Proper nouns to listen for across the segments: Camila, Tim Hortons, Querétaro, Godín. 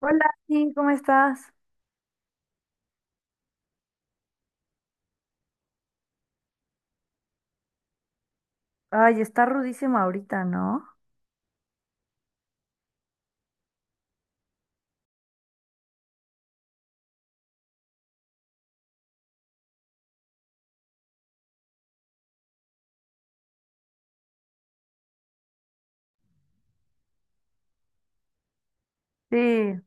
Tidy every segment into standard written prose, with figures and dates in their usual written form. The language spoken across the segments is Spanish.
Hola, sí, ¿cómo estás? Ay, está rudísima ahorita, ¿no? Sí,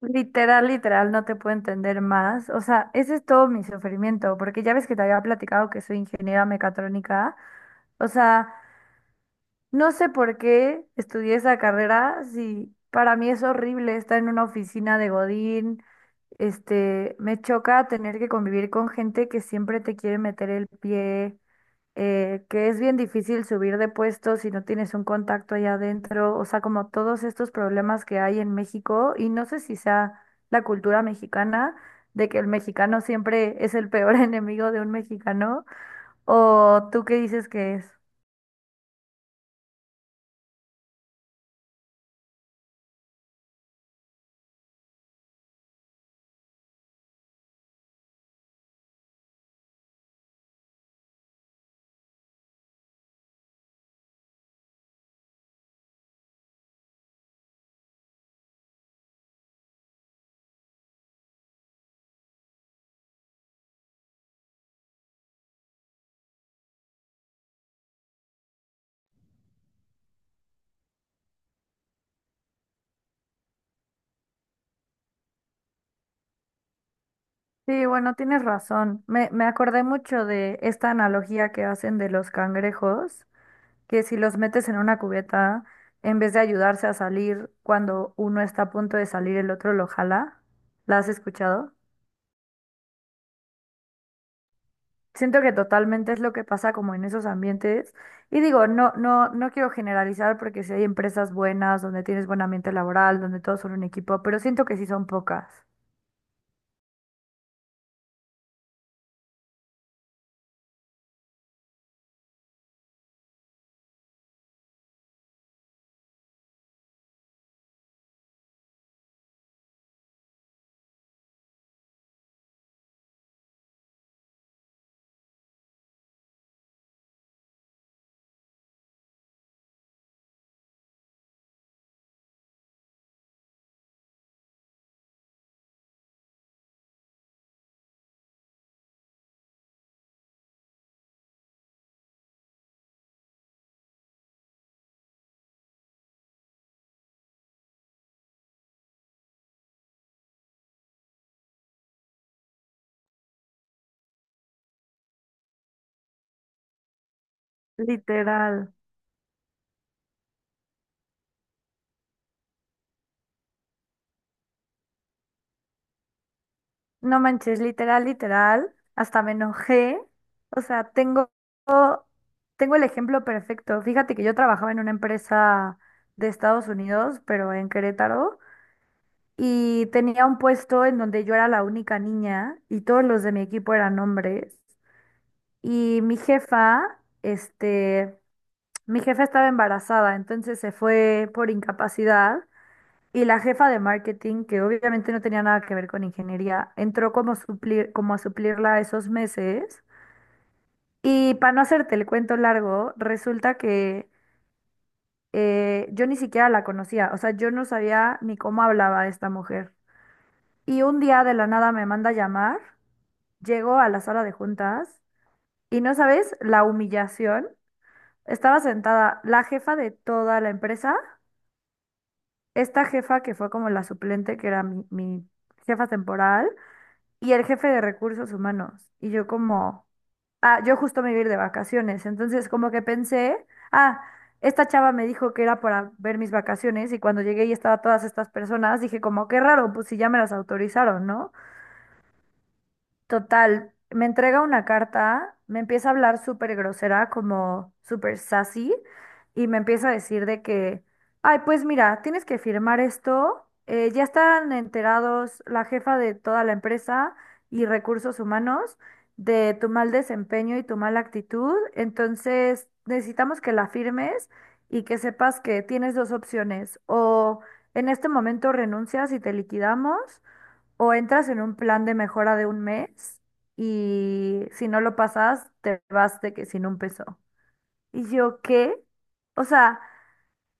literal, literal, no te puedo entender más. O sea, ese es todo mi sufrimiento, porque ya ves que te había platicado que soy ingeniera mecatrónica. O sea, no sé por qué estudié esa carrera, si para mí es horrible estar en una oficina de Godín. Este, me choca tener que convivir con gente que siempre te quiere meter el pie. Que es bien difícil subir de puesto si no tienes un contacto allá adentro, o sea, como todos estos problemas que hay en México, y no sé si sea la cultura mexicana, de que el mexicano siempre es el peor enemigo de un mexicano, o tú qué dices que es. Sí, bueno, tienes razón. Me acordé mucho de esta analogía que hacen de los cangrejos, que si los metes en una cubeta, en vez de ayudarse a salir cuando uno está a punto de salir, el otro lo jala. ¿La has escuchado? Siento que totalmente es lo que pasa como en esos ambientes. Y digo, no, no, no quiero generalizar porque si hay empresas buenas, donde tienes buen ambiente laboral, donde todos son un equipo, pero siento que sí son pocas. Literal. No manches, literal, literal. Hasta me enojé. O sea, tengo, tengo el ejemplo perfecto. Fíjate que yo trabajaba en una empresa de Estados Unidos, pero en Querétaro, y tenía un puesto en donde yo era la única niña y todos los de mi equipo eran hombres. Y mi jefa, este, mi jefa estaba embarazada, entonces se fue por incapacidad. Y la jefa de marketing, que obviamente no tenía nada que ver con ingeniería, entró como, suplir, como a suplirla esos meses. Y para no hacerte el cuento largo, resulta que yo ni siquiera la conocía, o sea, yo no sabía ni cómo hablaba esta mujer. Y un día de la nada me manda a llamar, llego a la sala de juntas y no sabes la humillación. Estaba sentada la jefa de toda la empresa, esta jefa que fue como la suplente, que era mi jefa temporal, y el jefe de recursos humanos. Y yo como, ah, yo justo me iba a ir de vacaciones, entonces como que pensé, ah, esta chava me dijo que era para ver mis vacaciones y cuando llegué y estaba todas estas personas, dije como, qué raro, pues si ya me las autorizaron, ¿no? Total, me entrega una carta, me empieza a hablar súper grosera, como súper sassy, y me empieza a decir de que, ay, pues mira, tienes que firmar esto, ya están enterados la jefa de toda la empresa y recursos humanos de tu mal desempeño y tu mala actitud, entonces necesitamos que la firmes y que sepas que tienes dos opciones, o en este momento renuncias y te liquidamos. O entras en un plan de mejora de un mes y si no lo pasas, te vas de que sin un peso. Y yo, ¿qué? O sea,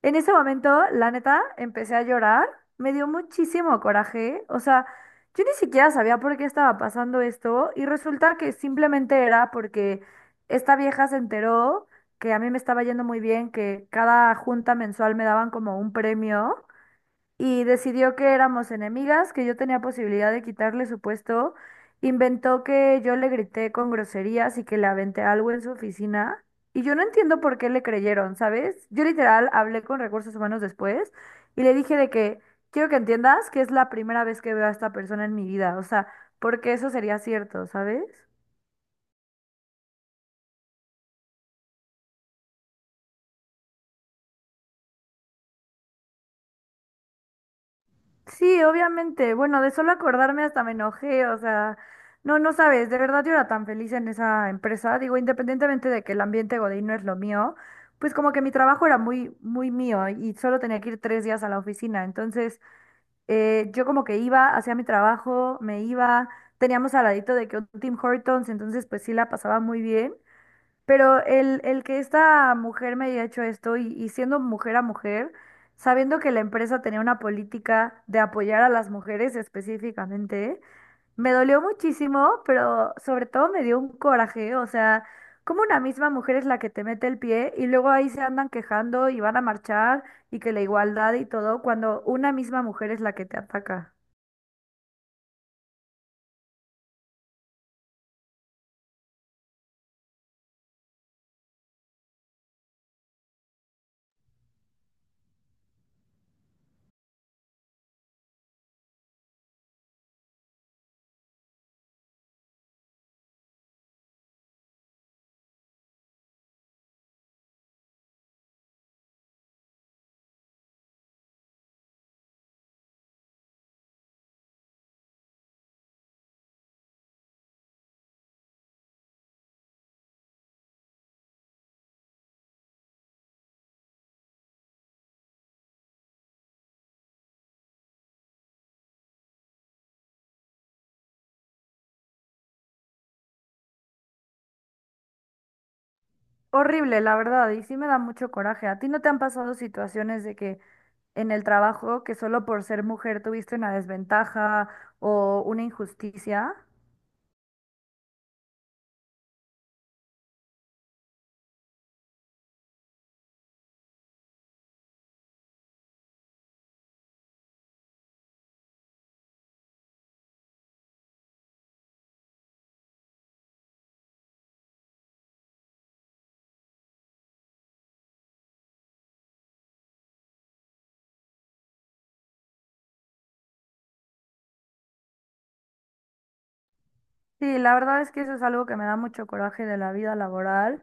en ese momento, la neta, empecé a llorar, me dio muchísimo coraje, o sea, yo ni siquiera sabía por qué estaba pasando esto y resulta que simplemente era porque esta vieja se enteró que a mí me estaba yendo muy bien, que cada junta mensual me daban como un premio y decidió que éramos enemigas, que yo tenía posibilidad de quitarle su puesto. Inventó que yo le grité con groserías y que le aventé algo en su oficina. Y yo no entiendo por qué le creyeron, ¿sabes? Yo literal hablé con recursos humanos después y le dije de que quiero que entiendas que es la primera vez que veo a esta persona en mi vida. O sea, porque eso sería cierto, ¿sabes? Sí, obviamente. Bueno, de solo acordarme hasta me enojé, o sea, no, no sabes, de verdad yo era tan feliz en esa empresa. Digo, independientemente de que el ambiente Godín no es lo mío, pues como que mi trabajo era muy, muy mío y solo tenía que ir 3 días a la oficina. Entonces, yo como que iba, hacía mi trabajo, me iba, teníamos al ladito de que un Tim Hortons, entonces pues sí la pasaba muy bien. Pero el que esta mujer me haya hecho esto y siendo mujer a mujer, sabiendo que la empresa tenía una política de apoyar a las mujeres específicamente, me dolió muchísimo, pero sobre todo me dio un coraje. O sea, como una misma mujer es la que te mete el pie y luego ahí se andan quejando y van a marchar y que la igualdad y todo, cuando una misma mujer es la que te ataca. Horrible, la verdad, y sí me da mucho coraje. ¿A ti no te han pasado situaciones de que en el trabajo, que solo por ser mujer tuviste una desventaja o una injusticia? Sí, la verdad es que eso es algo que me da mucho coraje de la vida laboral.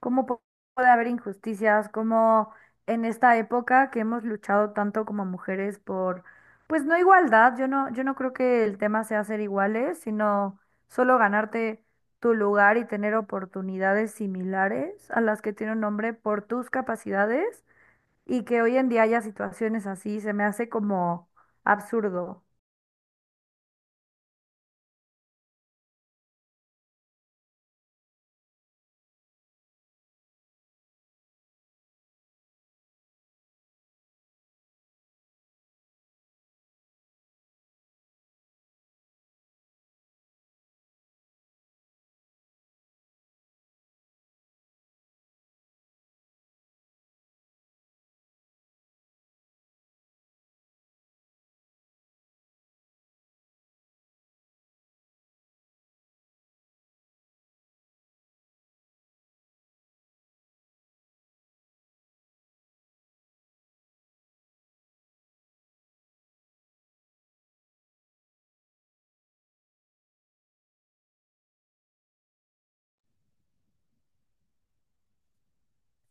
¿Cómo pu- puede haber injusticias? ¿Cómo en esta época que hemos luchado tanto como mujeres por, pues no igualdad, yo no, yo no creo que el tema sea ser iguales, sino solo ganarte tu lugar y tener oportunidades similares a las que tiene un hombre por tus capacidades y que hoy en día haya situaciones así, se me hace como absurdo?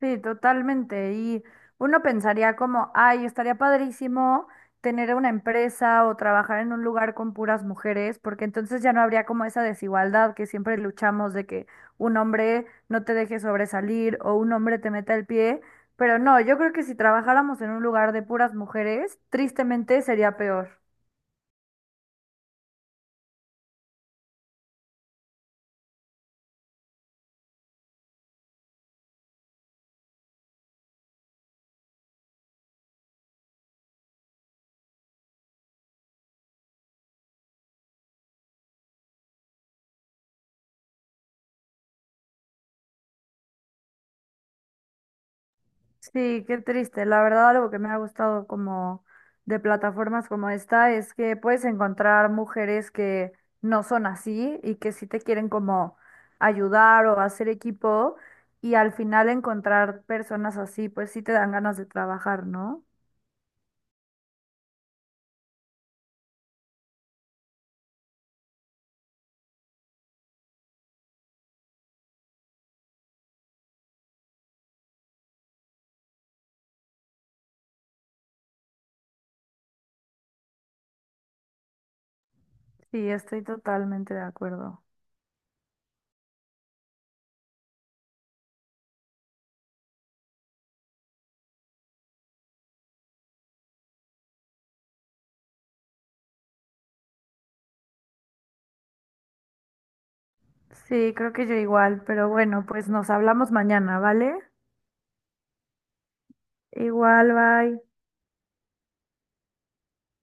Sí, totalmente. Y uno pensaría como, ay, estaría padrísimo tener una empresa o trabajar en un lugar con puras mujeres, porque entonces ya no habría como esa desigualdad que siempre luchamos de que un hombre no te deje sobresalir o un hombre te meta el pie. Pero no, yo creo que si trabajáramos en un lugar de puras mujeres, tristemente sería peor. Sí, qué triste. La verdad, algo que me ha gustado como de plataformas como esta es que puedes encontrar mujeres que no son así y que sí te quieren como ayudar o hacer equipo y al final encontrar personas así, pues sí te dan ganas de trabajar, ¿no? Sí, estoy totalmente de acuerdo. Sí, creo que yo igual, pero bueno, pues nos hablamos mañana, ¿vale? Igual, bye.